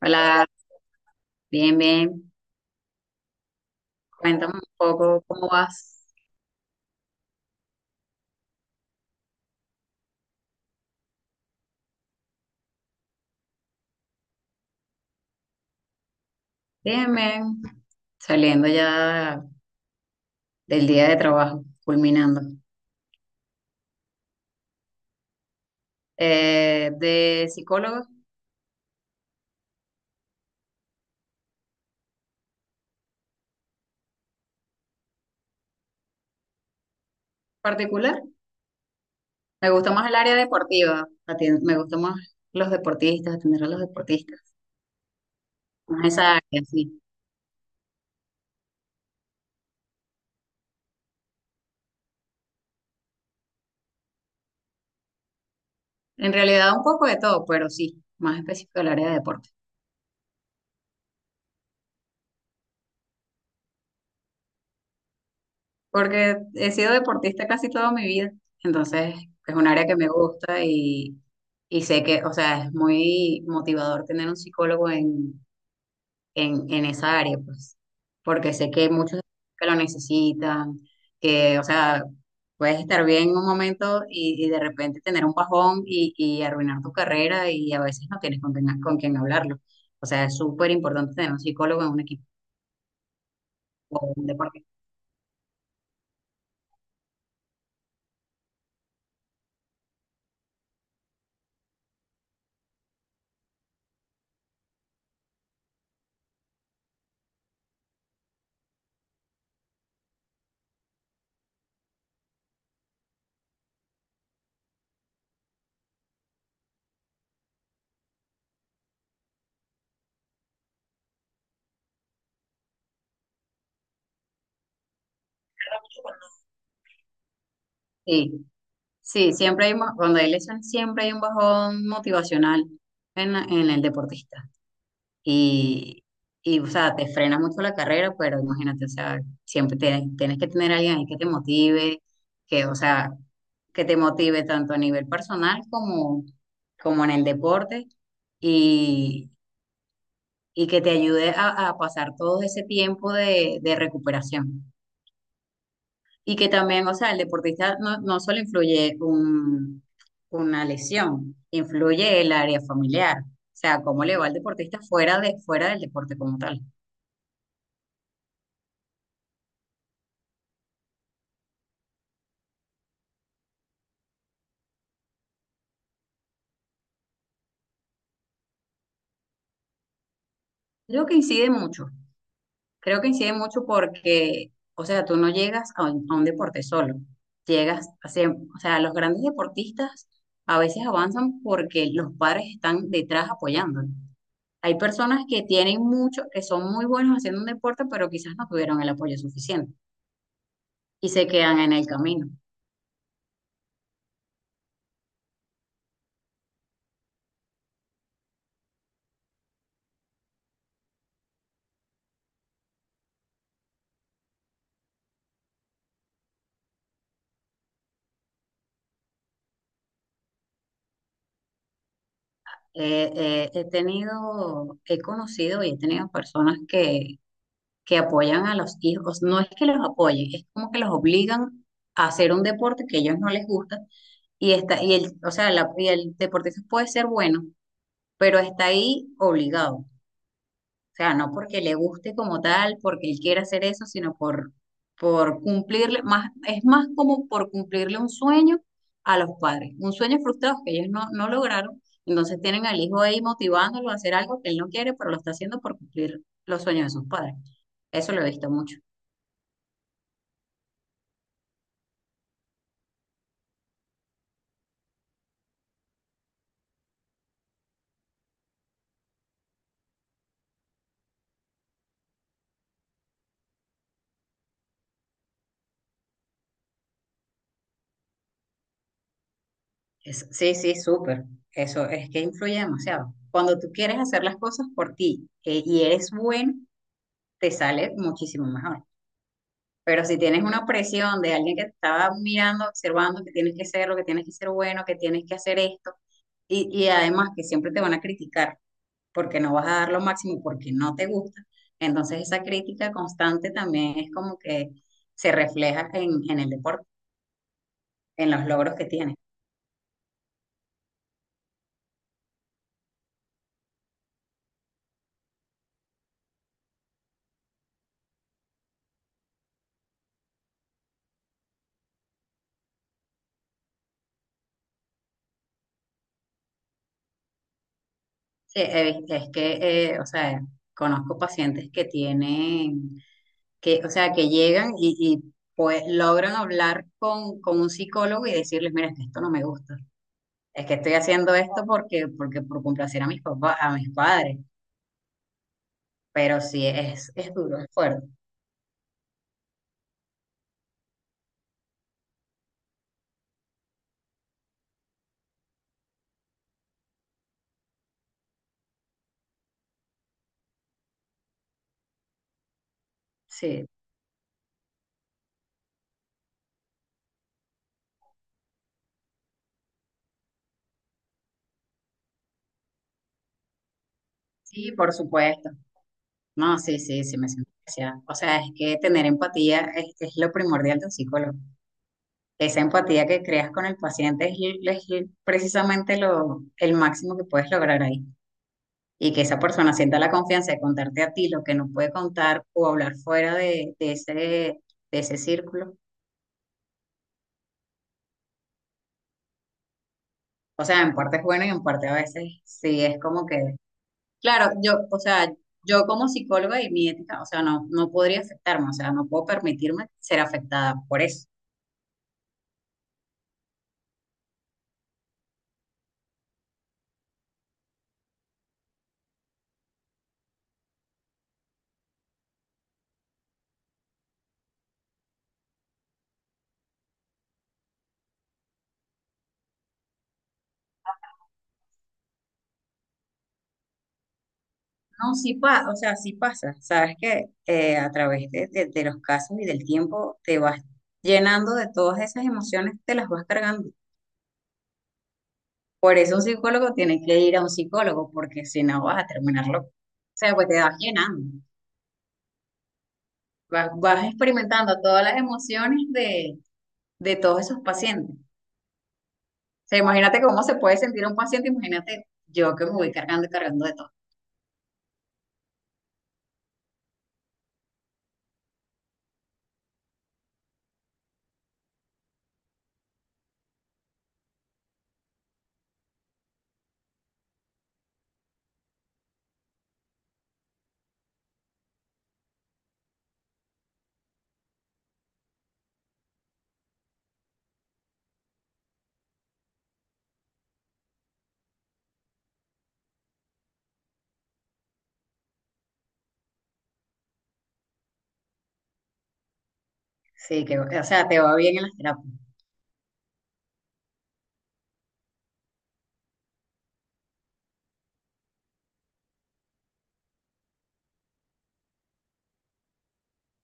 Hola, bien, bien. Cuéntame un poco cómo vas. Bien, bien. Saliendo ya del día de trabajo, culminando. De psicólogo particular, me gusta más el área deportiva. Me gusta más los deportistas, atender a los deportistas. Más esa área, sí. En realidad un poco de todo, pero sí, más específico el área de deportes. Porque he sido deportista casi toda mi vida, entonces es un área que me gusta y sé que, o sea, es muy motivador tener un psicólogo en esa área, pues, porque sé que hay muchos que lo necesitan, que, o sea, puedes estar bien en un momento y de repente tener un bajón y arruinar tu carrera y a veces no tienes con quién hablarlo. O sea, es súper importante tener un psicólogo en un equipo o un deportista. Sí. Sí, siempre hay, cuando hay lesiones, siempre hay un bajón motivacional en, en el deportista. Y, o sea, te frena mucho la carrera, pero imagínate, o sea, tienes que tener a alguien ahí que te motive, que, o sea, que te motive tanto a nivel personal como, como en el deporte y, y que te ayude a pasar todo ese tiempo de recuperación. Y que también, o sea, el deportista no, no solo influye una lesión, influye el área familiar. O sea, cómo le va al deportista fuera de, fuera del deporte como tal. Creo que incide mucho. Creo que incide mucho porque, o sea, tú no llegas a a un deporte solo. O sea, los grandes deportistas a veces avanzan porque los padres están detrás apoyándolo. Hay personas que tienen mucho, que son muy buenos haciendo un deporte, pero quizás no tuvieron el apoyo suficiente. Y se quedan en el camino. He tenido, he conocido y he tenido personas que apoyan a los hijos. No es que los apoyen, es como que los obligan a hacer un deporte que a ellos no les gusta y está, y el, o sea, la, y el deportista puede ser bueno, pero está ahí obligado. O sea, no porque le guste como tal, porque él quiera hacer eso, sino por cumplirle, más, es más como por cumplirle un sueño a los padres, un sueño frustrado que ellos no, no lograron, entonces tienen al hijo ahí motivándolo a hacer algo que él no quiere, pero lo está haciendo por cumplir los sueños de sus padres. Eso lo he visto mucho. Sí, sí, súper. Eso es que influye demasiado. Cuando tú quieres hacer las cosas por ti, y eres bueno, te sale muchísimo mejor. Pero si tienes una presión de alguien que te estaba mirando, observando que tienes que ser lo que tienes que ser bueno, que tienes que hacer esto, y además que siempre te van a criticar porque no vas a dar lo máximo, porque no te gusta, entonces esa crítica constante también es como que se refleja en el deporte, en los logros que tienes. Sí, es que, o sea, conozco pacientes que tienen, que, o sea, que llegan y, pues logran hablar con un psicólogo y decirles, mira, es que esto no me gusta, es que estoy haciendo esto porque, porque por complacer a mis papás, a mis padres, pero sí es duro, es fuerte. Sí, sí, por supuesto. No, sí, sí, sí me siento especial. O sea, es que tener empatía es lo primordial de un psicólogo. Esa empatía que creas con el paciente es precisamente lo, el máximo que puedes lograr ahí. Y que esa persona sienta la confianza de contarte a ti lo que no puede contar o hablar fuera de ese círculo. O sea, en parte es bueno y en parte a veces sí es como que... Claro, yo, o sea, yo como psicóloga y mi ética, o sea, no, no podría afectarme, o sea, no puedo permitirme ser afectada por eso. No, sí pasa, o sea, sí pasa. Sabes que a través de, de los casos y del tiempo te vas llenando de todas esas emociones, te las vas cargando. Por eso un psicólogo tiene que ir a un psicólogo, porque si no vas a terminar loco. O sea, pues te vas llenando, vas, vas experimentando todas las emociones de todos esos pacientes. O sea, imagínate cómo se puede sentir un paciente, imagínate yo que me voy cargando y cargando de todo. Sí, que, o sea, te va bien en las terapias.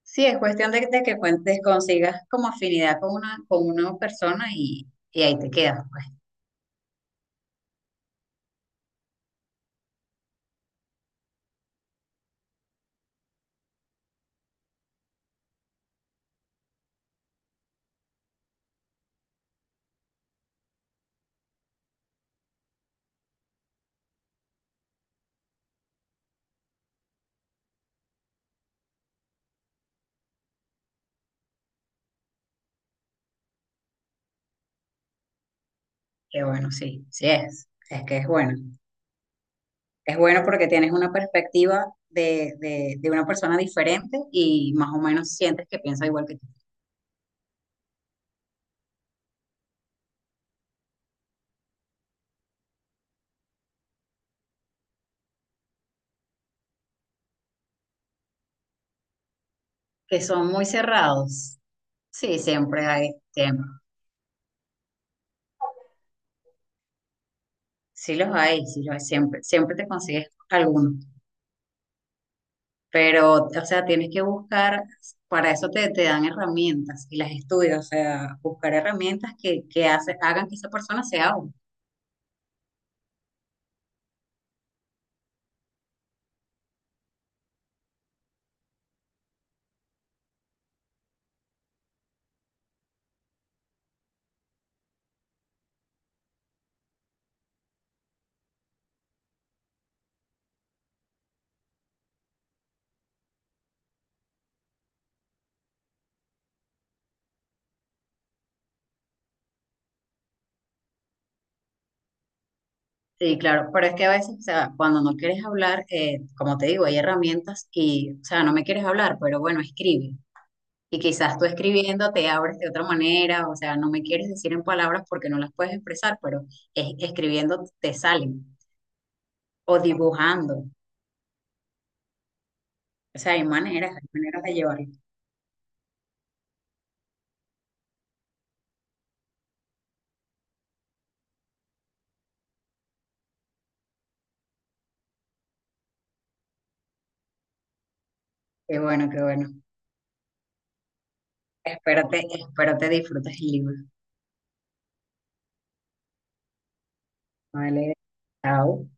Sí, es cuestión de que cuentes, consigas como afinidad con una persona y ahí te quedas, pues. Que bueno, sí, sí es. Es que es bueno. Es bueno porque tienes una perspectiva de una persona diferente y más o menos sientes que piensa igual que tú. Que son muy cerrados. Sí, siempre hay, siempre. Sí los hay, siempre, siempre te consigues alguno. Pero, o sea, tienes que buscar, para eso te, te dan herramientas y las estudias, o sea, buscar herramientas que hagan que esa persona sea útil. Sí, claro, pero es que a veces, o sea, cuando no quieres hablar, como te digo, hay herramientas y, o sea, no me quieres hablar, pero bueno, escribe. Y quizás tú escribiendo te abres de otra manera, o sea, no me quieres decir en palabras porque no las puedes expresar, pero escribiendo te salen, o dibujando, o sea, hay maneras de llevarlo. Qué bueno, qué bueno. Espero te disfrutes el libro. Vale, chao.